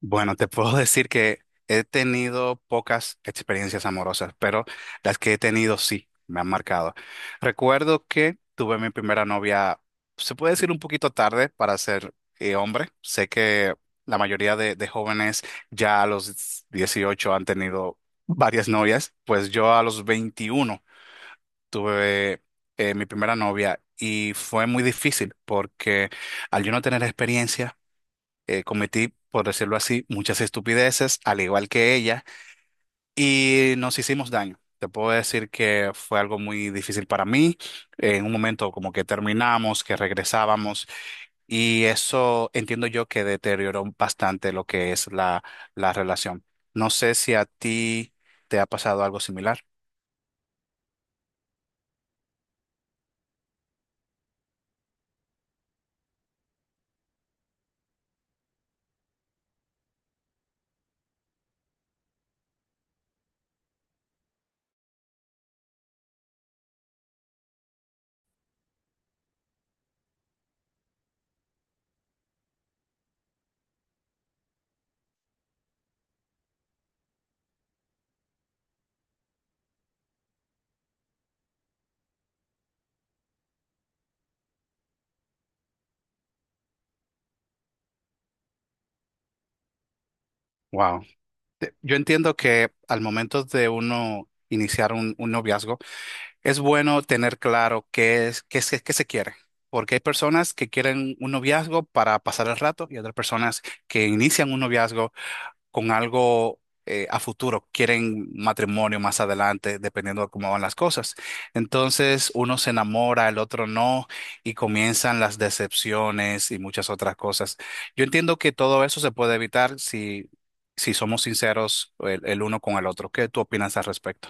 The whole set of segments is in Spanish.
Bueno, te puedo decir que he tenido pocas experiencias amorosas, pero las que he tenido sí me han marcado. Recuerdo que tuve mi primera novia, se puede decir un poquito tarde para ser hombre. Sé que la mayoría de jóvenes ya a los 18 han tenido varias novias, pues yo a los 21 tuve mi primera novia y fue muy difícil porque al yo no tener experiencia cometí, por decirlo así, muchas estupideces, al igual que ella, y nos hicimos daño. Te puedo decir que fue algo muy difícil para mí. En un momento como que terminamos, que regresábamos, y eso entiendo yo que deterioró bastante lo que es la relación. No sé si a ti te ha pasado algo similar. Wow. Yo entiendo que al momento de uno iniciar un noviazgo, es bueno tener claro qué se quiere, porque hay personas que quieren un noviazgo para pasar el rato y otras personas que inician un noviazgo con algo a futuro, quieren matrimonio más adelante, dependiendo de cómo van las cosas. Entonces, uno se enamora, el otro no, y comienzan las decepciones y muchas otras cosas. Yo entiendo que todo eso se puede evitar si somos sinceros el uno con el otro. ¿Qué tú opinas al respecto?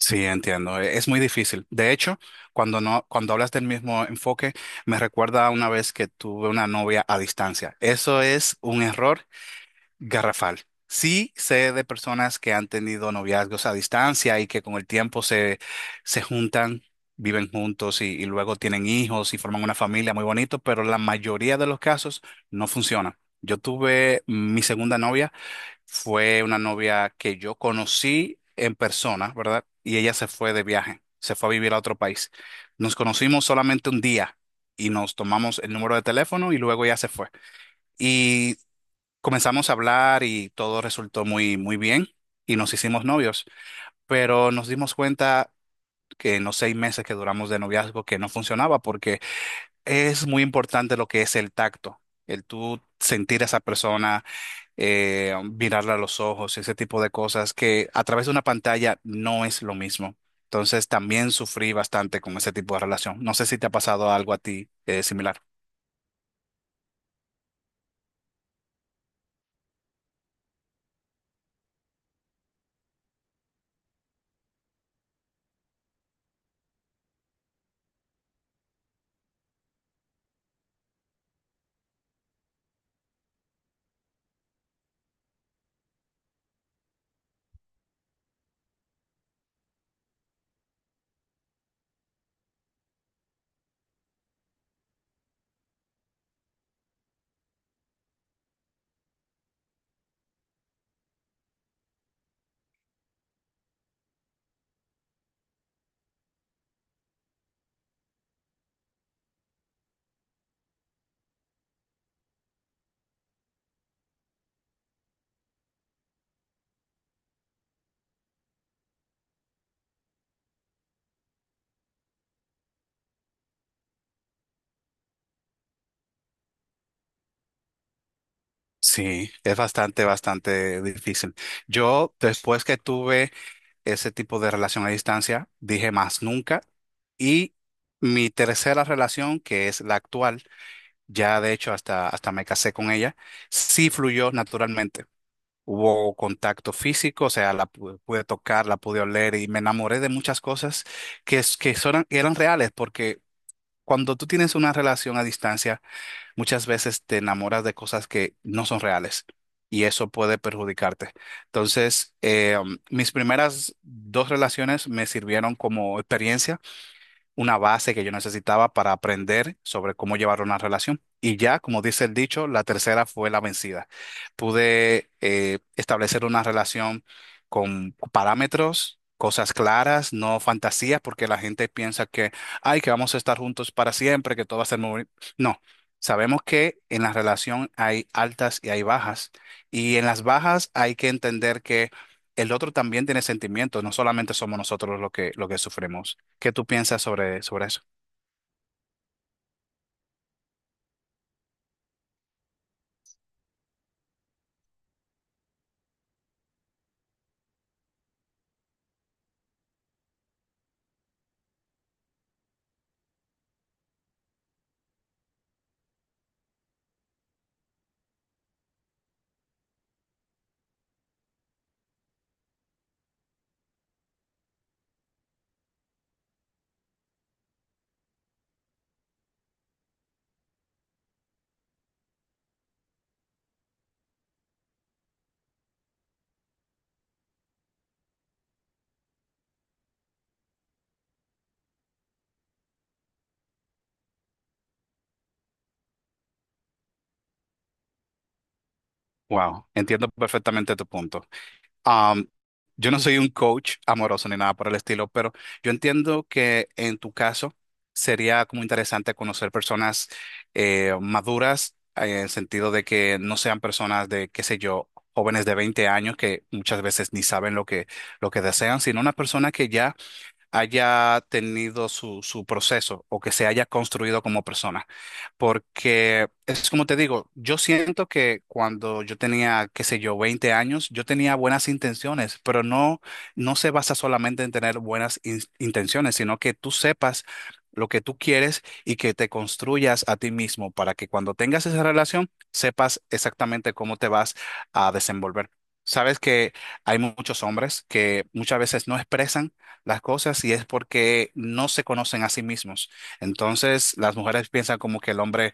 Sí, entiendo. Es muy difícil. De hecho, cuando no, cuando hablas del mismo enfoque, me recuerda a una vez que tuve una novia a distancia. Eso es un error garrafal. Sí sé de personas que han tenido noviazgos a distancia y que con el tiempo se juntan, viven juntos y luego tienen hijos y forman una familia muy bonito, pero la mayoría de los casos no funciona. Yo tuve mi segunda novia. Fue una novia que yo conocí en persona, ¿verdad? Y ella se fue de viaje, se fue a vivir a otro país. Nos conocimos solamente un día y nos tomamos el número de teléfono y luego ella se fue. Y comenzamos a hablar y todo resultó muy bien y nos hicimos novios, pero nos dimos cuenta que en los 6 meses que duramos de noviazgo que no funcionaba porque es muy importante lo que es el tacto, el tú sentir a esa persona mirarla a los ojos, ese tipo de cosas que a través de una pantalla no es lo mismo. Entonces también sufrí bastante con ese tipo de relación. No sé si te ha pasado algo a ti similar. Sí, es bastante difícil. Yo, después que tuve ese tipo de relación a distancia, dije más nunca. Y mi tercera relación, que es la actual, ya de hecho hasta me casé con ella, sí fluyó naturalmente. Hubo contacto físico, o sea, pude tocar, la pude oler y me enamoré de muchas cosas que, es- que son- que eran reales, porque cuando tú tienes una relación a distancia, muchas veces te enamoras de cosas que no son reales y eso puede perjudicarte. Entonces, mis primeras dos relaciones me sirvieron como experiencia una base que yo necesitaba para aprender sobre cómo llevar una relación. Y ya, como dice el dicho, la tercera fue la vencida. Pude establecer una relación con parámetros, cosas claras, no fantasías, porque la gente piensa que, ay, que vamos a estar juntos para siempre, que todo va a ser muy... No, sabemos que en la relación hay altas y hay bajas. Y en las bajas hay que entender que el otro también tiene sentimientos, no solamente somos nosotros lo que sufrimos. ¿Qué tú piensas sobre eso? Wow, entiendo perfectamente tu punto. Am, yo no soy un coach amoroso ni nada por el estilo, pero yo entiendo que en tu caso sería como interesante conocer personas maduras en el sentido de que no sean personas de, qué sé yo, jóvenes de 20 años que muchas veces ni saben lo que desean, sino una persona que ya haya tenido su proceso o que se haya construido como persona. Porque es como te digo, yo siento que cuando yo tenía, qué sé yo, 20 años, yo tenía buenas intenciones, pero no, no se basa solamente en tener buenas intenciones, sino que tú sepas lo que tú quieres y que te construyas a ti mismo para que cuando tengas esa relación sepas exactamente cómo te vas a desenvolver. Sabes que hay muchos hombres que muchas veces no expresan las cosas y es porque no se conocen a sí mismos. Entonces, las mujeres piensan como que el hombre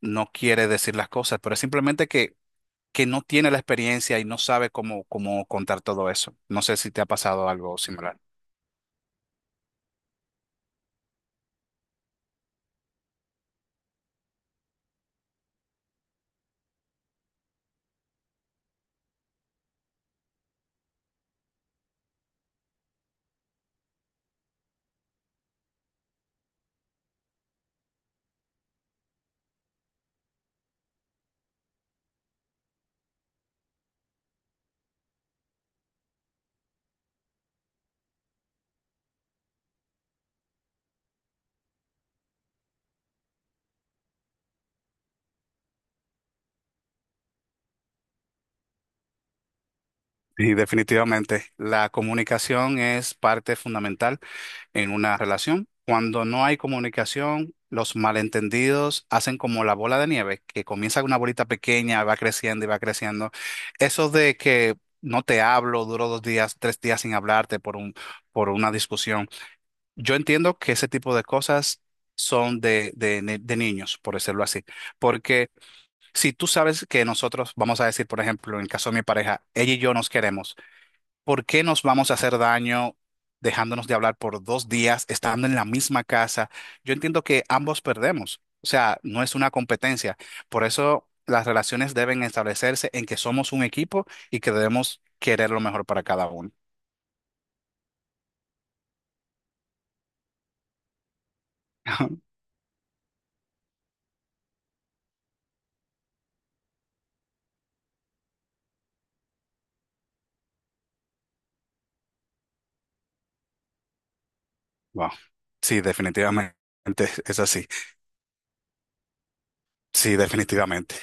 no quiere decir las cosas, pero es simplemente que no tiene la experiencia y no sabe cómo contar todo eso. No sé si te ha pasado algo similar. Y definitivamente, la comunicación es parte fundamental en una relación. Cuando no hay comunicación, los malentendidos hacen como la bola de nieve, que comienza con una bolita pequeña, va creciendo y va creciendo. Eso de que no te hablo, duró 2 días, 3 días sin hablarte por un, por una discusión. Yo entiendo que ese tipo de cosas son de, ni- de niños, por decirlo así. Porque si tú sabes que nosotros, vamos a decir, por ejemplo, en el caso de mi pareja, ella y yo nos queremos. ¿Por qué nos vamos a hacer daño dejándonos de hablar por 2 días, estando en la misma casa? Yo entiendo que ambos perdemos, o sea, no es una competencia. Por eso las relaciones deben establecerse en que somos un equipo y que debemos querer lo mejor para cada uno. Wow. Sí, definitivamente es así. Sí, definitivamente.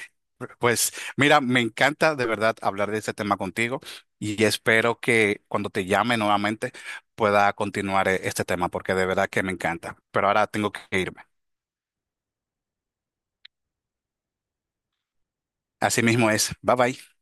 Pues mira, me encanta de verdad hablar de este tema contigo y espero que cuando te llame nuevamente pueda continuar este tema porque de verdad que me encanta. Pero ahora tengo que irme. Así mismo es. Bye bye.